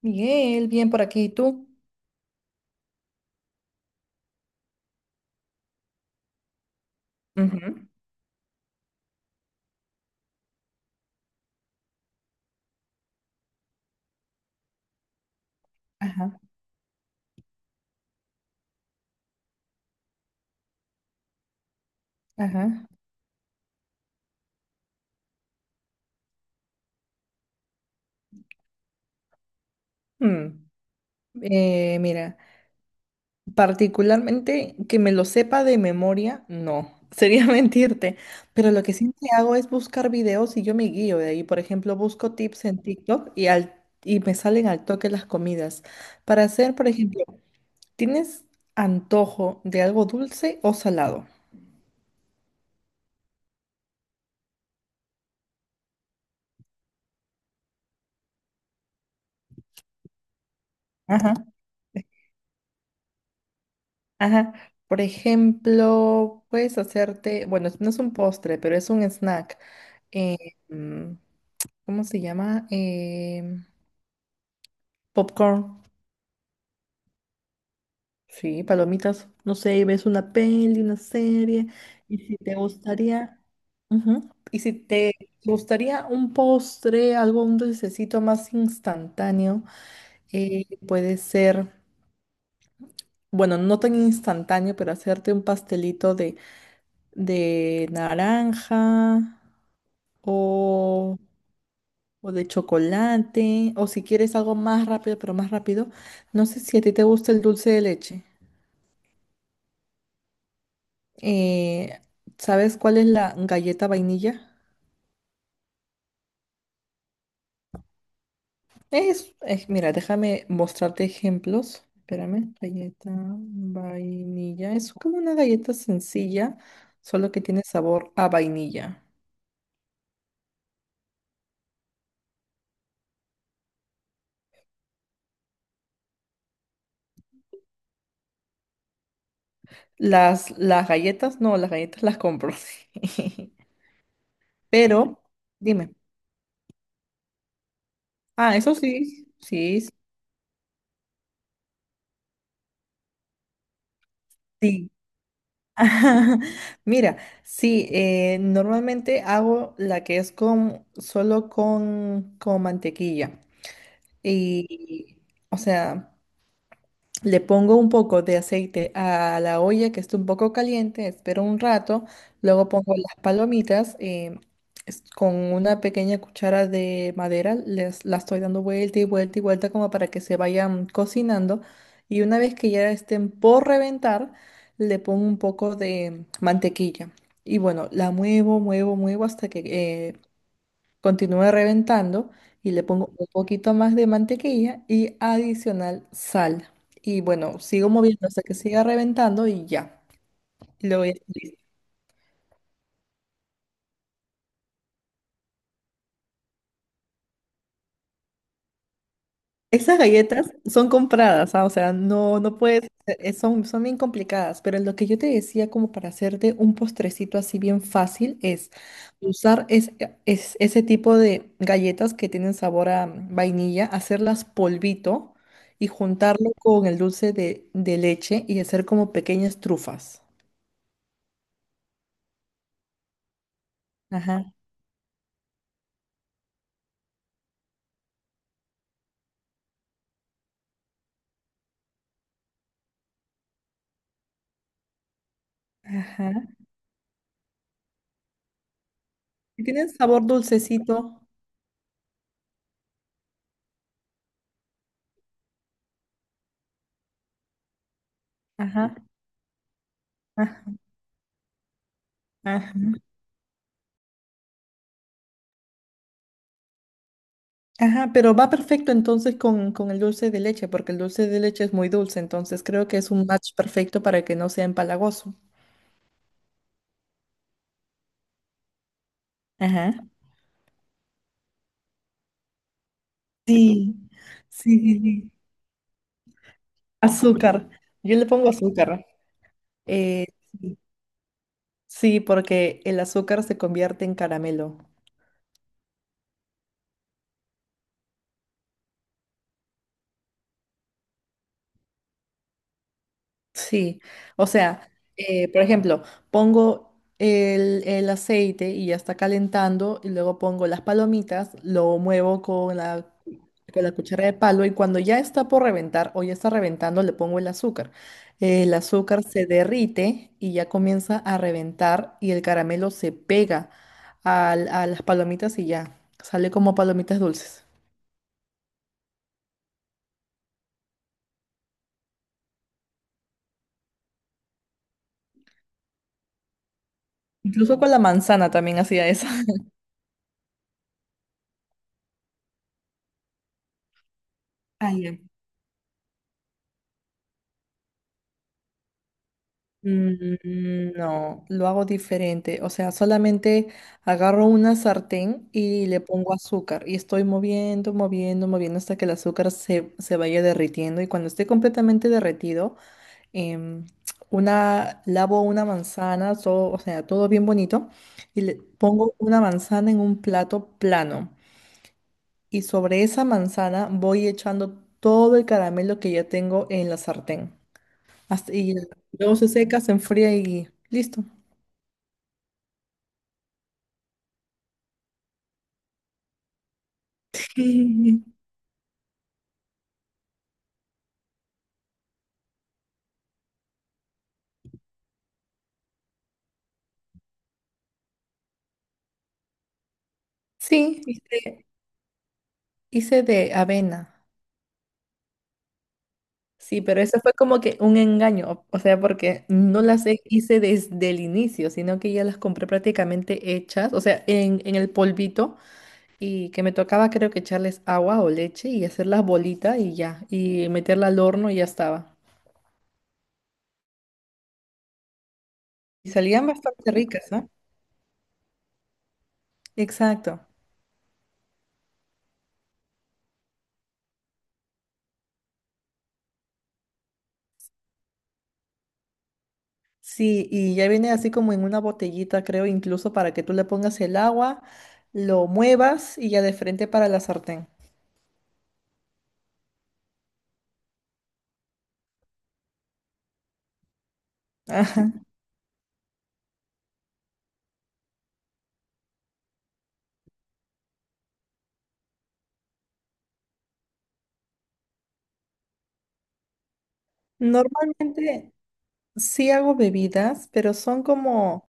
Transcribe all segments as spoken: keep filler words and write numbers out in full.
Miguel, bien por aquí, ¿y tú? Ujú. Ajá, ajá. Mm. Eh, mira, particularmente que me lo sepa de memoria, no, sería mentirte, pero lo que sí hago es buscar videos y yo me guío de ahí. Por ejemplo, busco tips en TikTok y, al, y me salen al toque las comidas. Para hacer, por ejemplo, ¿tienes antojo de algo dulce o salado? Ajá. Ajá. Por ejemplo, puedes hacerte, bueno, es- no es un postre, pero es un snack. eh, mm, ¿Cómo se llama? Em, popcorn. Sí, palomitas. No sé, ves una peli, una serie. Y si te gustaría, ujú, Y si te gustaría un postre, algo, un dulcecito más instantáneo, eh, puede ser, bueno, no tan instantáneo, pero hacerte un pastelito de, de, naranja. o, o de chocolate, o si quieres algo más rápido, pero más rápido, no sé si a ti te gusta el dulce de leche. Eh, ¿Sabes cuál es la galleta vainilla? Es, es- mira, déjame mostrarte ejemplos. Espérame, galleta vainilla. Es como una galleta sencilla, solo que tiene sabor a vainilla. Las, las galletas, no, las galletas las compro. Pero, dime. Ah, eso sí, sí, sí. Mira, sí, eh, normalmente hago la que es con, solo con, con mantequilla. Y, o sea, le pongo un poco de aceite a la olla que está un poco caliente, espero un rato, luego pongo las palomitas eh, es- con una pequeña cuchara de madera, les, la estoy dando vuelta y vuelta y vuelta como para que se vayan cocinando y una vez que ya estén por reventar, le pongo un poco de mantequilla y bueno, la muevo, muevo, muevo hasta que eh, continúo reventando y le pongo un poquito más de mantequilla y adicional sal. Y bueno, sigo moviendo hasta que siga reventando y ya. Lo voy a hacer. Esas galletas son compradas, ah, o sea, no, no puedes, eh, son, son bien complicadas, pero lo que yo te decía como para hacerte un postrecito así bien fácil es usar es, es- ese tipo de galletas que tienen sabor a vainilla, hacerlas polvito y juntarlo con el dulce de, de leche y hacer como pequeñas trufas. Ajá, ajá. Y tienen sabor dulcecito. Ajá, ajá. Ajá, pero va perfecto entonces con, con el dulce de leche, porque el dulce de leche es muy dulce, entonces creo que es un match perfecto para que no sea empalagoso. Ajá. Sí, sí, sí, sí. Azúcar. Yo le pongo azúcar. Eh, sí, sí, porque el azúcar se convierte en caramelo. Sí, o sea, eh, por ejemplo, pongo el, el aceite y ya está calentando y luego pongo las palomitas, lo muevo con la, con la, cuchara de palo y cuando ya está por reventar o ya está reventando le pongo el azúcar. El azúcar se derrite y ya comienza a reventar y el caramelo se pega al- a las palomitas y ya sale como palomitas dulces. Incluso con la manzana también hacía eso. Ah, ya. Mm, No, lo hago diferente. O sea, solamente agarro una sartén y le pongo azúcar y estoy moviendo, moviendo, moviendo hasta que el azúcar se, se vaya derritiendo. Y cuando esté completamente derretido, em, una, lavo una manzana, todo, o sea, todo bien bonito, y le pongo una manzana en un plato plano. Y sobre esa manzana voy echando todo el caramelo que ya tengo en la sartén. Hasta- y luego se seca, se enfría y listo. Sí, Sí, hice, hice de avena. Sí, pero eso fue como que un engaño, o o sea, porque no las he- hice desde el inicio, sino que ya las compré prácticamente hechas, o sea, en, en el polvito y que me tocaba creo que echarles agua o leche y hacer las bolitas y ya, y meterla al horno y ya estaba. Y salían bastante ricas, ¿no? Exacto. Sí, y ya viene así como en una botellita, creo, incluso para que tú le pongas el agua, lo muevas y ya de frente para la sartén. Ajá. Normalmente sí hago bebidas, pero son como,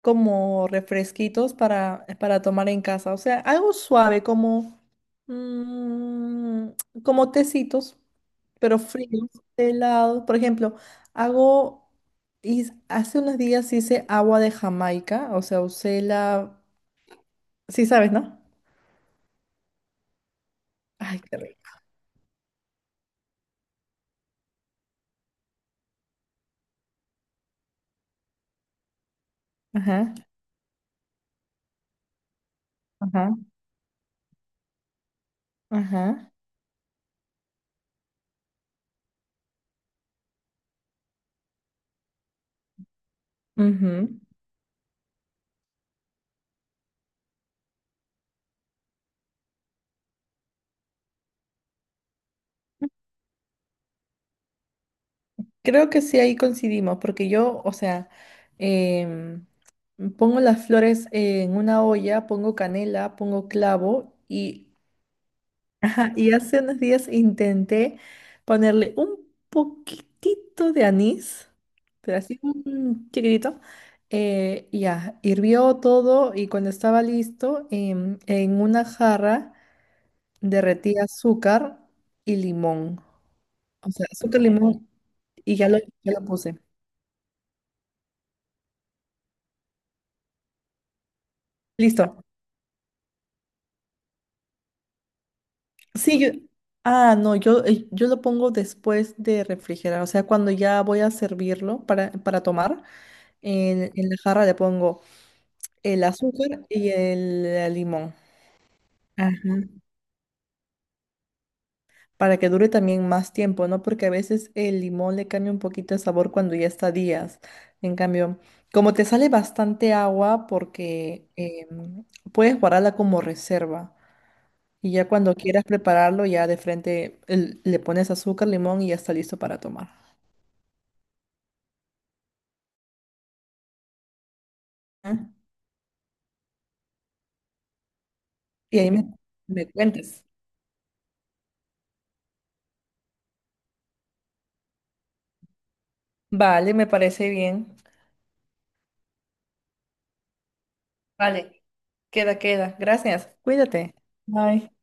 como refresquitos para, para tomar en casa. O sea, algo suave, como, mm, como tecitos, pero fríos, helados. Por ejemplo, hago, hice- hace unos días hice agua de Jamaica, o sea, usé la, sí sabes, ¿no? Ay, qué rico. Ajá, ajá, ajá. Ujú. Creo que sí, ahí coincidimos, porque yo, o sea, em, pongo las flores en una olla, pongo canela, pongo clavo y, ajá, y hace unos días intenté ponerle un poquitito de anís, pero así un chiquitito. Eh, y ya, hirvió todo y cuando estaba listo, em, en una jarra derretí azúcar y limón. O sea, azúcar, limón y ya lo, ya lo puse. Listo. Sí, yo- ah, no, yo, eh, yo lo pongo después de refrigerar, o sea, cuando ya voy a servirlo para, para tomar, en, en la jarra le pongo el azúcar y el, eh, limón, ajá, para que dure también más tiempo, ¿no? Porque a veces el limón le cambia un poquito el sabor cuando ya está días. En cambio, como te sale bastante agua, porque em, puedes guardarla como reserva. Y ya cuando quieras prepararlo, ya de frente el- le pones azúcar, limón y ya está listo para tomar. Ah, y ahí me, me cuentas. Vale, me parece bien. Vale, queda, queda. Gracias. Cuídate. Bye.